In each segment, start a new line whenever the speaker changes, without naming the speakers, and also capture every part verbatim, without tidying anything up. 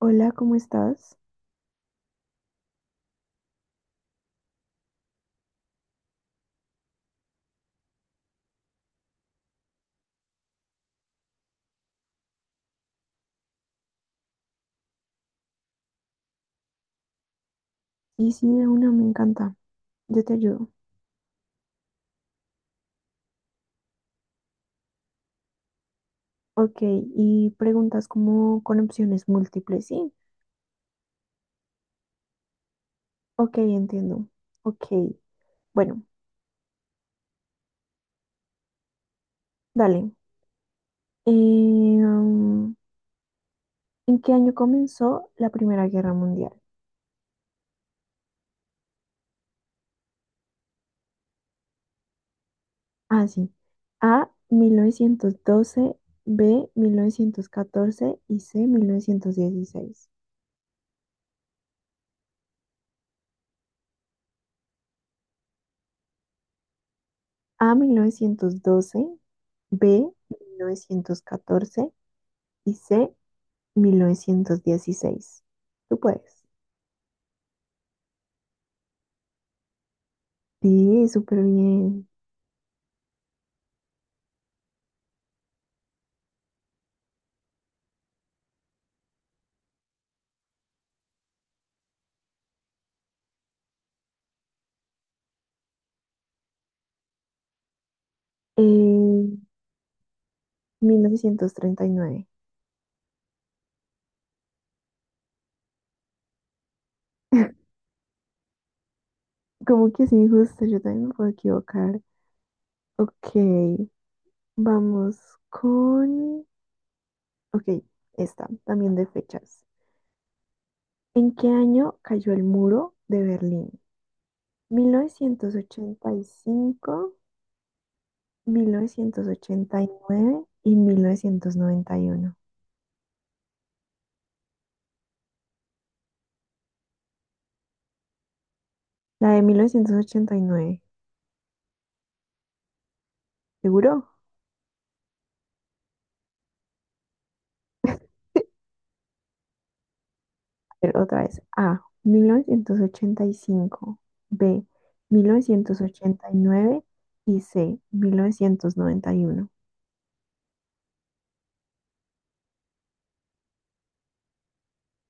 Hola, ¿cómo estás? Y sí, de una me encanta. Yo te ayudo. Ok, y preguntas como con opciones múltiples, ¿sí? Ok, entiendo. Ok, bueno, dale. Eh, um, ¿en qué año comenzó la Primera Guerra Mundial? Ah, sí. A, mil novecientos doce, B, mil novecientos catorce y C, mil novecientos dieciséis. A, mil novecientos doce, B, mil novecientos catorce y C, mil novecientos dieciséis. Tú puedes. Sí, súper bien. Eh, mil novecientos treinta y nueve. Como que es injusto, yo también me puedo equivocar. Ok, vamos con... Ok, esta, también de fechas. ¿En qué año cayó el muro de Berlín? Mil novecientos ochenta y cinco, mil mil novecientos novecientos ochenta y y y nueve, noventa y uno. La de mil novecientos ochenta y nueve. ¿Seguro? Ver, otra vez. A, mil novecientos ochenta y cinco, B, mil novecientos ochenta y nueve y C, mil novecientos noventa y uno.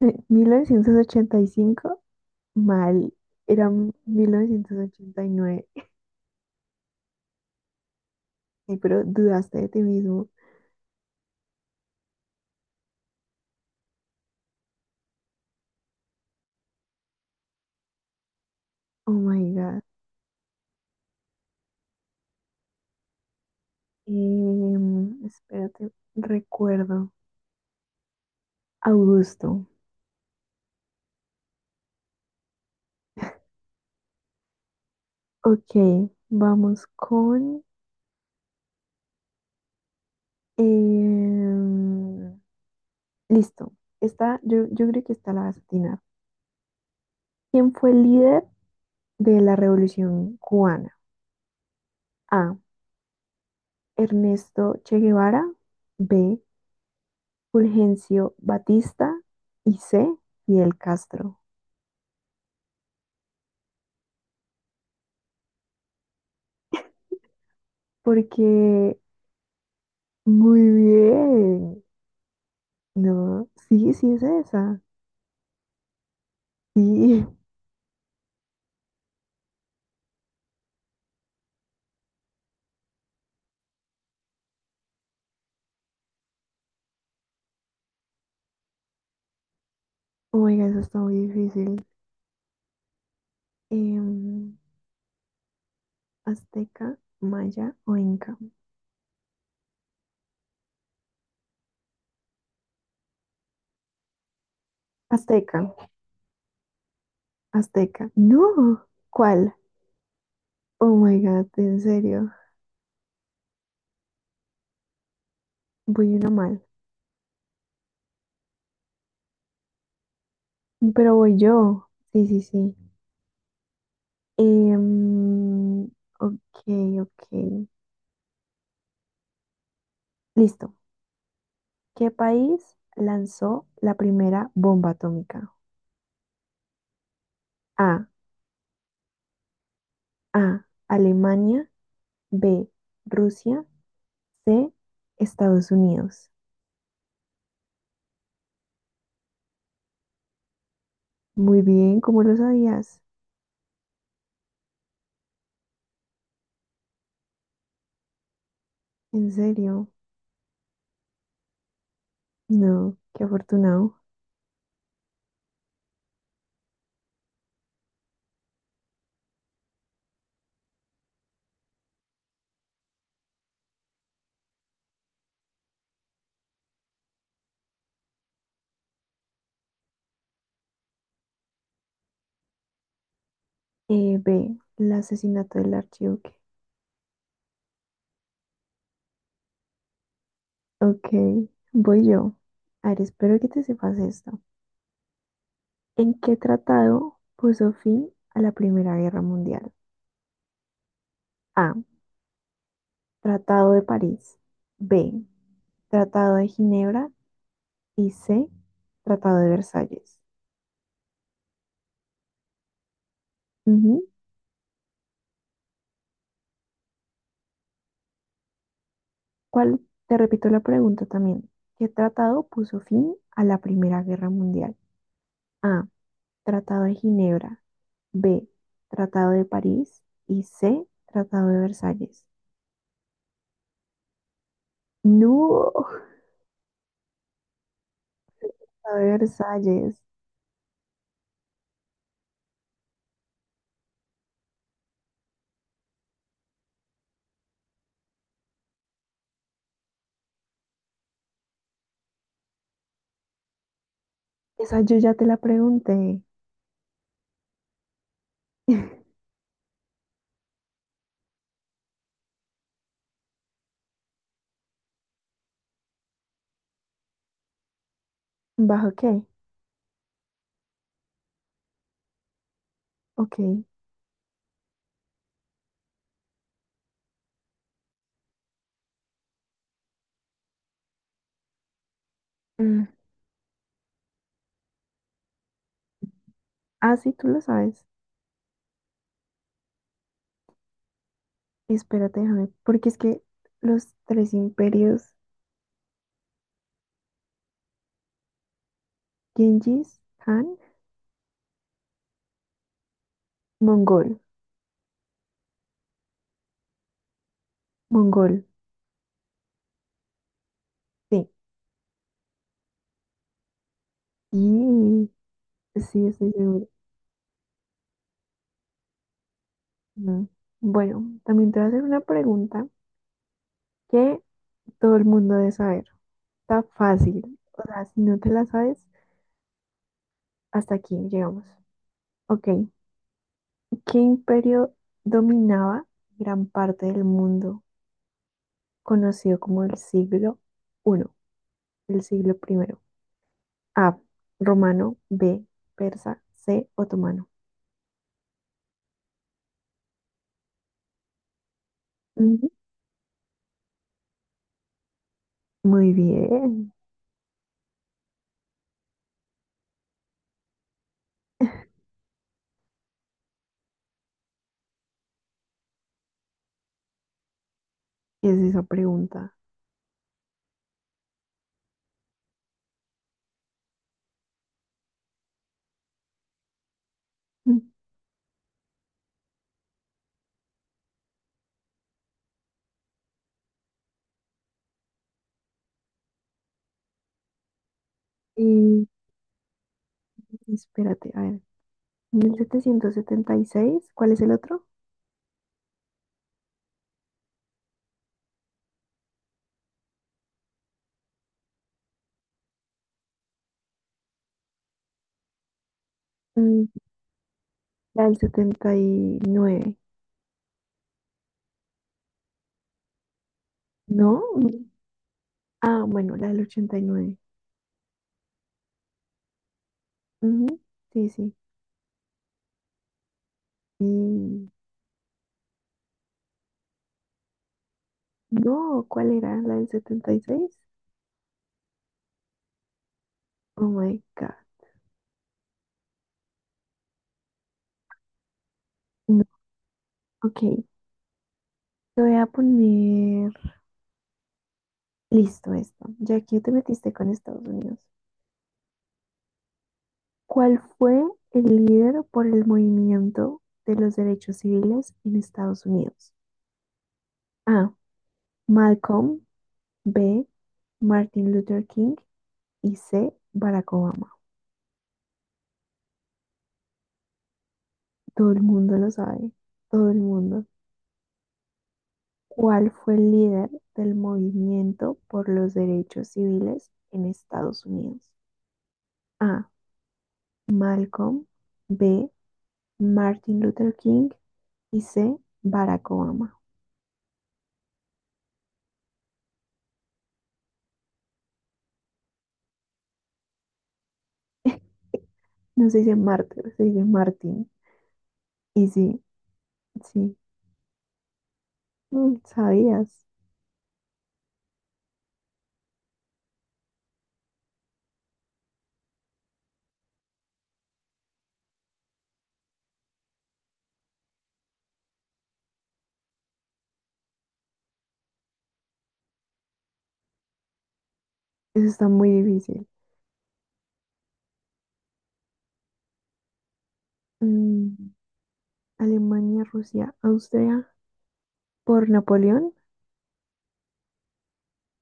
Eh, mil novecientos ochenta y cinco mal. Era mil novecientos ochenta y nueve. Ay, pero dudaste de ti mismo. Oh my God. Em, espérate, recuerdo. Augusto. Ok, vamos con... em, listo. Esta, yo, yo creo que esta la vas a atinar. ¿Quién fue el líder de la Revolución cubana? A, Ernesto Che Guevara. B, Fulgencio Batista. Y C, Fidel Castro. Porque muy bien. No, sí, sí es esa. Sí. Oh my god, eso está muy difícil. Em, Azteca, Maya o Inca. Azteca, Azteca. No. ¿Cuál? Oh my God, en serio. Voy una mal. Pero voy yo. Sí, sí, sí. Em, ok, ok. Listo. ¿Qué país lanzó la primera bomba atómica? A. A, Alemania. B, Rusia. C, Estados Unidos. Muy bien, ¿cómo lo sabías? ¿En serio? No, qué afortunado. Eh, B. El asesinato del archiduque. Ok, voy yo. A ver, espero que te sepas esto. ¿En qué tratado puso fin a la Primera Guerra Mundial? A, Tratado de París. B, Tratado de Ginebra. Y C, Tratado de Versalles. Ujú. ¿Cuál? Te repito la pregunta también. ¿Qué tratado puso fin a la Primera Guerra Mundial? A, Tratado de Ginebra. B, Tratado de París. Y C, Tratado de Versalles. No, Tratado de Versalles. Esa yo ya te la pregunté. ¿Bajo qué? Ok. Mm, ah, sí, tú lo sabes. Espérate, déjame, porque es que los tres imperios, Genghis, Han, Mongol, Mongol, sí. Y sí, estoy seguro. No. Bueno, también te voy a hacer una pregunta que todo el mundo debe saber. Está fácil. O sea, si no te la sabes, hasta aquí llegamos. Ok, ¿qué imperio dominaba gran parte del mundo conocido como el siglo I, el siglo primero? A, romano, B, persa, C, otomano. Ujú. Muy bien. ¿Qué es esa pregunta? Mm. Y espérate, a ver. Mil setecientos setenta y seis, ¿cuál es el otro? Mm, la del setenta y nueve. ¿No? Mm. Ah, bueno, la del ochenta y nueve. Ujú, sí, sí. Y no, ¿cuál era? ¿La del setenta y seis? Oh my God. No. Ok, te voy a poner listo esto, ya que te metiste con Estados Unidos. ¿Cuál fue el líder por el movimiento de los derechos civiles en Estados Unidos? A, Malcolm. B, Martin Luther King. Y C, Barack Obama. Todo el mundo lo sabe. Todo el mundo. ¿Cuál fue el líder del movimiento por los derechos civiles en Estados Unidos? A, Malcolm. B, Martin Luther King. Y C, Barack Obama. No se dice Martin, se dice Martin. Y sí, sí, mm, sabías. Eso está muy difícil. Mm, Alemania, Rusia, Austria por Napoleón.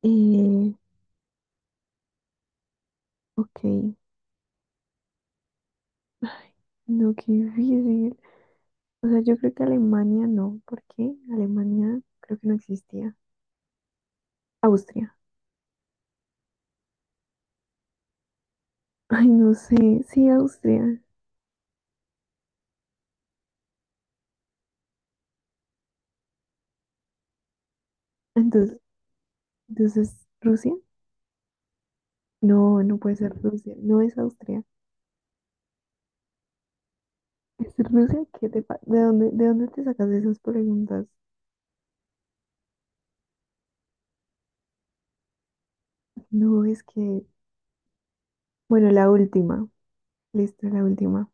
Eh, ok. Ay, no, qué difícil. O sea, yo creo que Alemania no, porque Alemania creo que no existía. Austria. Ay, no sé. Sí, Austria. Entonces, entonces Rusia. No, no puede ser Rusia. No es Austria. ¿Es Rusia? ¿Qué te pa- ¿De dónde, de dónde te sacas esas preguntas? No, es que... Bueno, la última. Listo, la última.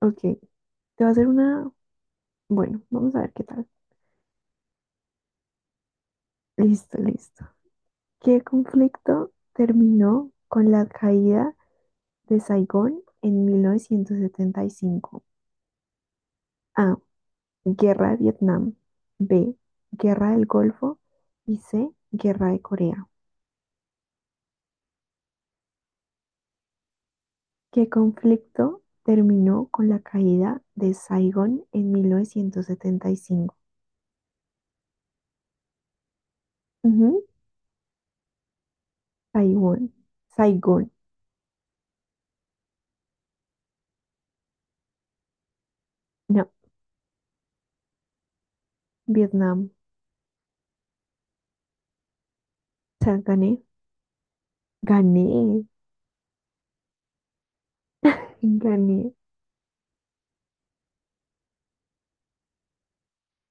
Ok, te va a hacer una... Bueno, vamos a ver qué tal. Listo, listo. ¿Qué conflicto terminó con la caída de Saigón en mil novecientos setenta y cinco? A, Guerra de Vietnam. B, Guerra del Golfo. Y C, Guerra de Corea. ¿Qué conflicto terminó con la caída de Saigón en mil novecientos setenta y cinco? Ujú, Saigón. Saigón. No, Vietnam. O sea, gané. Gané, gané.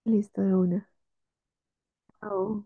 Listo de una. Oh.